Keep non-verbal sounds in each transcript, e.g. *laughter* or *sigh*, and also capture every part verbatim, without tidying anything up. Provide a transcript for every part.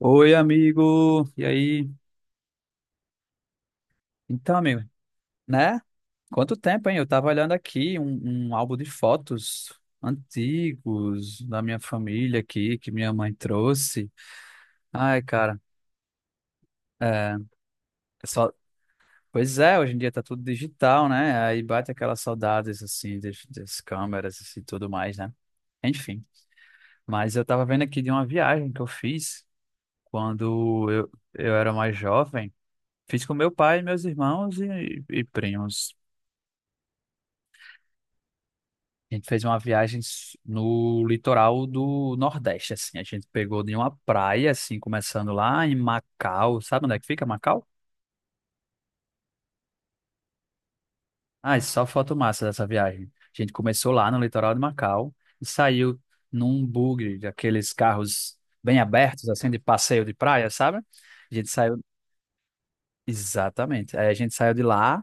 Oi, amigo. E aí? Então, amigo, né? Quanto tempo, hein? Eu tava olhando aqui um, um álbum de fotos antigos da minha família aqui, que minha mãe trouxe. Ai, cara, é, é só... Pois é, hoje em dia tá tudo digital, né? Aí bate aquelas saudades, assim, das, das câmeras e assim, tudo mais, né? Enfim. Mas eu tava vendo aqui de uma viagem que eu fiz quando eu, eu era mais jovem. Fiz com meu pai, meus irmãos e, e primos. A gente fez uma viagem s- no litoral do Nordeste, assim. A gente pegou de uma praia, assim, começando lá em Macau. Sabe onde é que fica Macau? Ah, e só foto massa dessa viagem. A gente começou lá no litoral de Macau e saiu num bugre daqueles carros bem abertos, assim, de passeio de praia, sabe? A gente saiu, exatamente. Aí a gente saiu de lá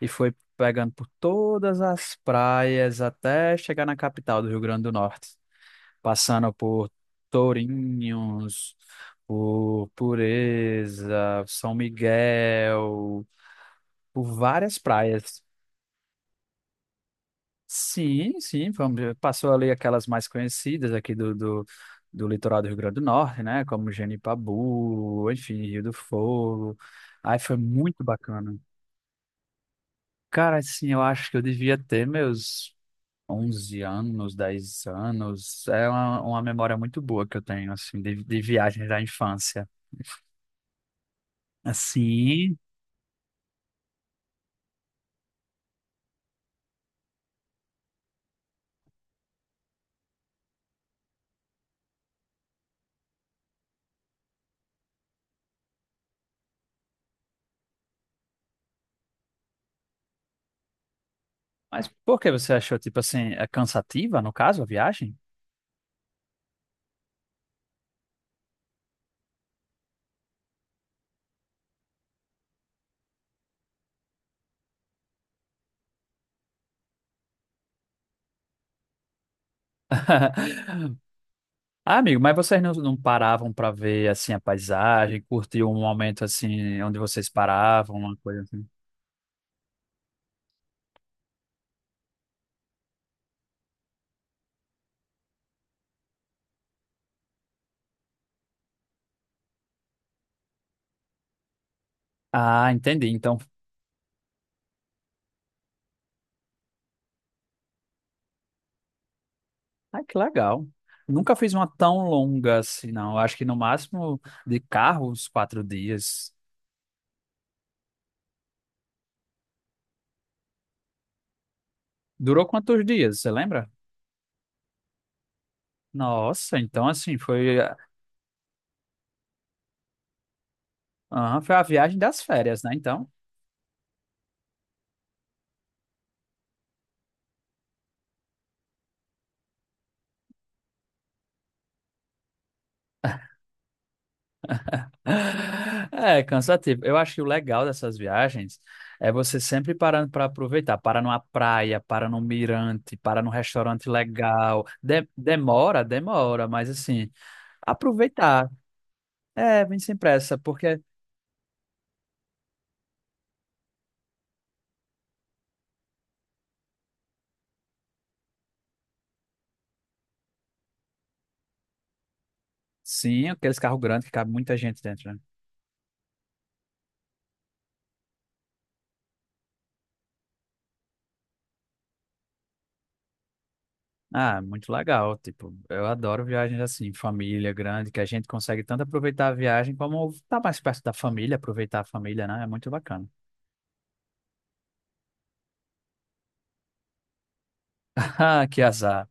e foi pegando por todas as praias até chegar na capital do Rio Grande do Norte, passando por Tourinhos, por Pureza, São Miguel, por várias praias. Sim, sim, vamos, passou ali aquelas mais conhecidas aqui do, do, do litoral do Rio Grande do Norte, né? Como Genipabu, enfim, Rio do Fogo. Aí foi muito bacana. Cara, assim, eu acho que eu devia ter meus onze anos, dez anos. É uma, uma memória muito boa que eu tenho, assim, de, de viagens da infância. Assim. Mas por que você achou, tipo assim, é cansativa, no caso, a viagem? *laughs* Ah, amigo, mas vocês não, não paravam para ver, assim, a paisagem, curtir um momento, assim, onde vocês paravam, uma coisa assim? Ah, entendi. Então, ah, que legal. Nunca fiz uma tão longa assim, não. Eu acho que no máximo de carro, uns quatro dias. Durou quantos dias, você lembra? Nossa, então assim, foi, ah, aham, foi a viagem das férias, né? Então. É cansativo. Eu acho que o legal dessas viagens é você sempre parando para aproveitar. Para numa praia, para num mirante, para num restaurante legal. De- demora, demora, mas assim, aproveitar. É, vem sem pressa, porque sim, aqueles carros grandes que cabe muita gente dentro, né? Ah, muito legal. Tipo, eu adoro viagens assim, família grande, que a gente consegue tanto aproveitar a viagem como estar mais perto da família, aproveitar a família, né? É muito bacana. *laughs* Ah, que azar.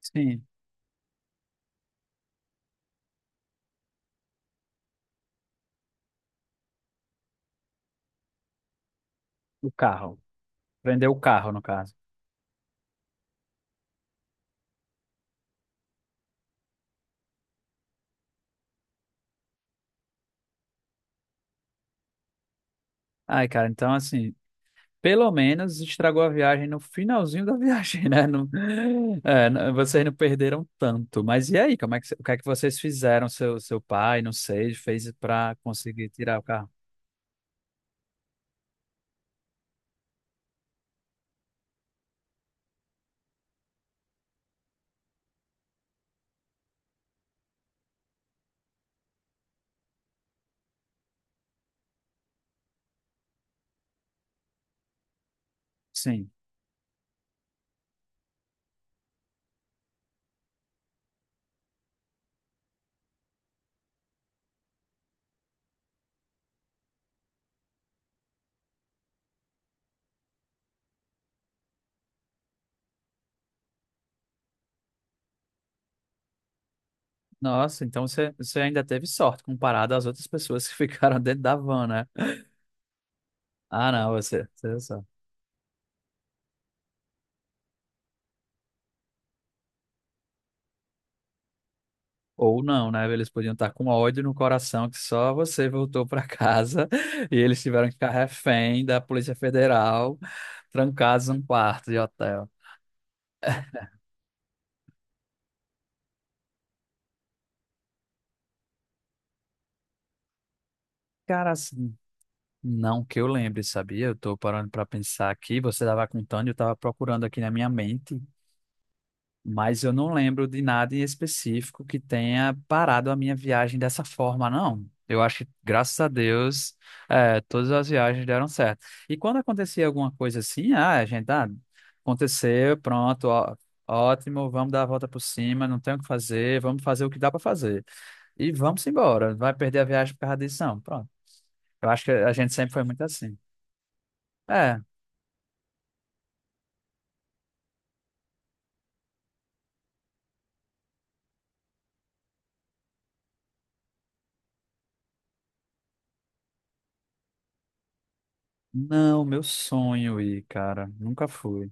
Sim, o carro. Prendeu o carro, no caso. Ai, cara, então assim, pelo menos estragou a viagem no finalzinho *laughs* da viagem, né? Não, é, não- vocês não perderam tanto. Mas e aí, como é que, o que é que vocês fizeram? Seu, seu pai, não sei, fez para conseguir tirar o carro? Sim. Nossa, então você, você ainda teve sorte comparado às outras pessoas que *laughs* ficaram dentro da van, né? Ah, não, você, você é só. Ou não, né? Eles podiam estar com ódio no coração que só você voltou para casa *laughs* e eles tiveram que ficar refém da Polícia Federal, trancados num quarto de hotel. Cara, assim, não que eu lembre, sabia? Eu tô parando para pensar aqui, você estava contando e eu estava procurando aqui na minha mente. Mas eu não lembro de nada em específico que tenha parado a minha viagem dessa forma, não. Eu acho que, graças a Deus, eh, todas as viagens deram certo. E quando acontecia alguma coisa assim, ah, a gente, ah, aconteceu, pronto, ó, ótimo, vamos dar a volta por cima, não tem o que fazer, vamos fazer o que dá para fazer. E vamos embora, vai perder a viagem por causa disso, não. Pronto. Eu acho que a gente sempre foi muito assim. É, não, meu sonho ir, cara, nunca fui.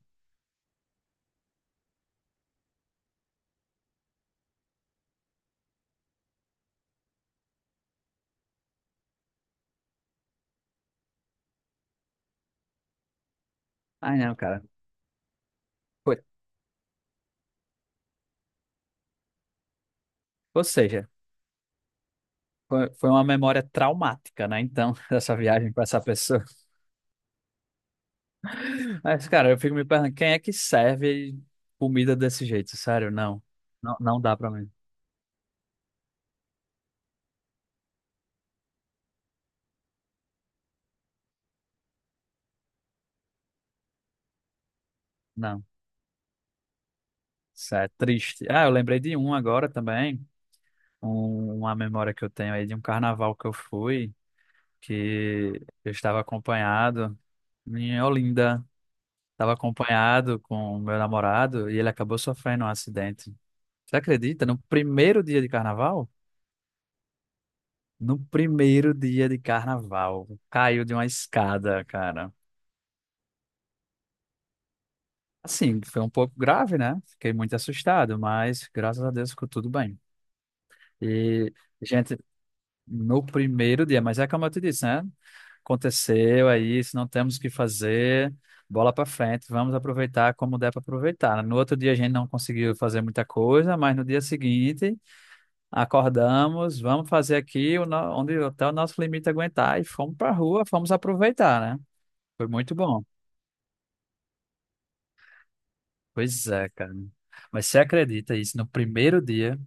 Ai, não, cara. Foi- Ou seja, foi foi uma memória traumática, né? Então, *laughs* dessa viagem com essa pessoa. Mas, cara, eu fico me perguntando, quem é que serve comida desse jeito? Sério, não. Não, não dá pra mim. Não. Isso é triste. Ah, eu lembrei de um agora também. Um- uma memória que eu tenho aí de um carnaval que eu fui, que eu estava acompanhado em Olinda. Estava acompanhado com o meu namorado e ele acabou sofrendo um acidente. Você acredita? No primeiro dia de carnaval? No primeiro dia de carnaval, caiu de uma escada, cara. Assim, foi um pouco grave, né? Fiquei muito assustado, mas graças a Deus ficou tudo bem. E, gente, no primeiro dia, mas é como eu te disse, né? Aconteceu, é isso, não temos o que fazer, bola pra frente, vamos aproveitar como der pra aproveitar, né? No outro dia a gente não conseguiu fazer muita coisa, mas no dia seguinte acordamos, vamos fazer aqui o no- onde até o nosso limite aguentar e fomos pra rua, fomos aproveitar, né? Foi muito bom. Pois é, cara. Mas você acredita isso? No primeiro dia,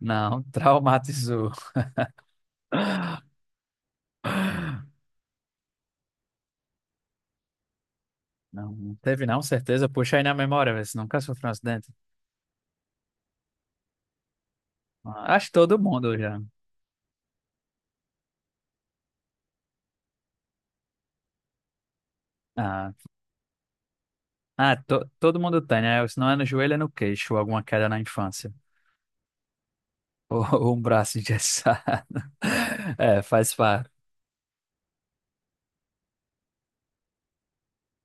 não, *laughs* traumatizou. Não, não teve não, certeza. Puxa aí na memória, vê se nunca sofreu um acidente. Ah, acho que todo mundo já. Ah, ah to- todo mundo tem, né? Se não é no joelho, é no queixo, ou alguma queda na infância. *laughs* Ou, ou um braço engessado. *laughs* É, faz parte.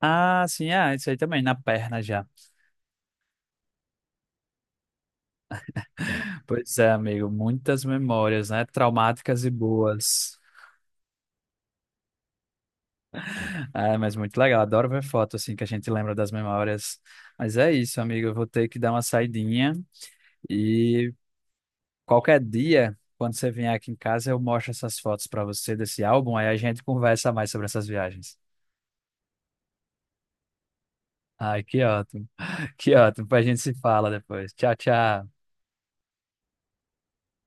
Ah, sim, ah, isso aí também, na perna já. Pois é, amigo, muitas memórias, né? Traumáticas e boas. É, mas muito legal. Adoro ver foto, assim, que a gente lembra das memórias. Mas é isso, amigo. Eu vou ter que dar uma saidinha e qualquer dia, quando você vier aqui em casa, eu mostro essas fotos pra você desse álbum, aí a gente conversa mais sobre essas viagens. Ai, que ótimo. *laughs* Que ótimo. Depois a gente se fala depois. Tchau, tchau.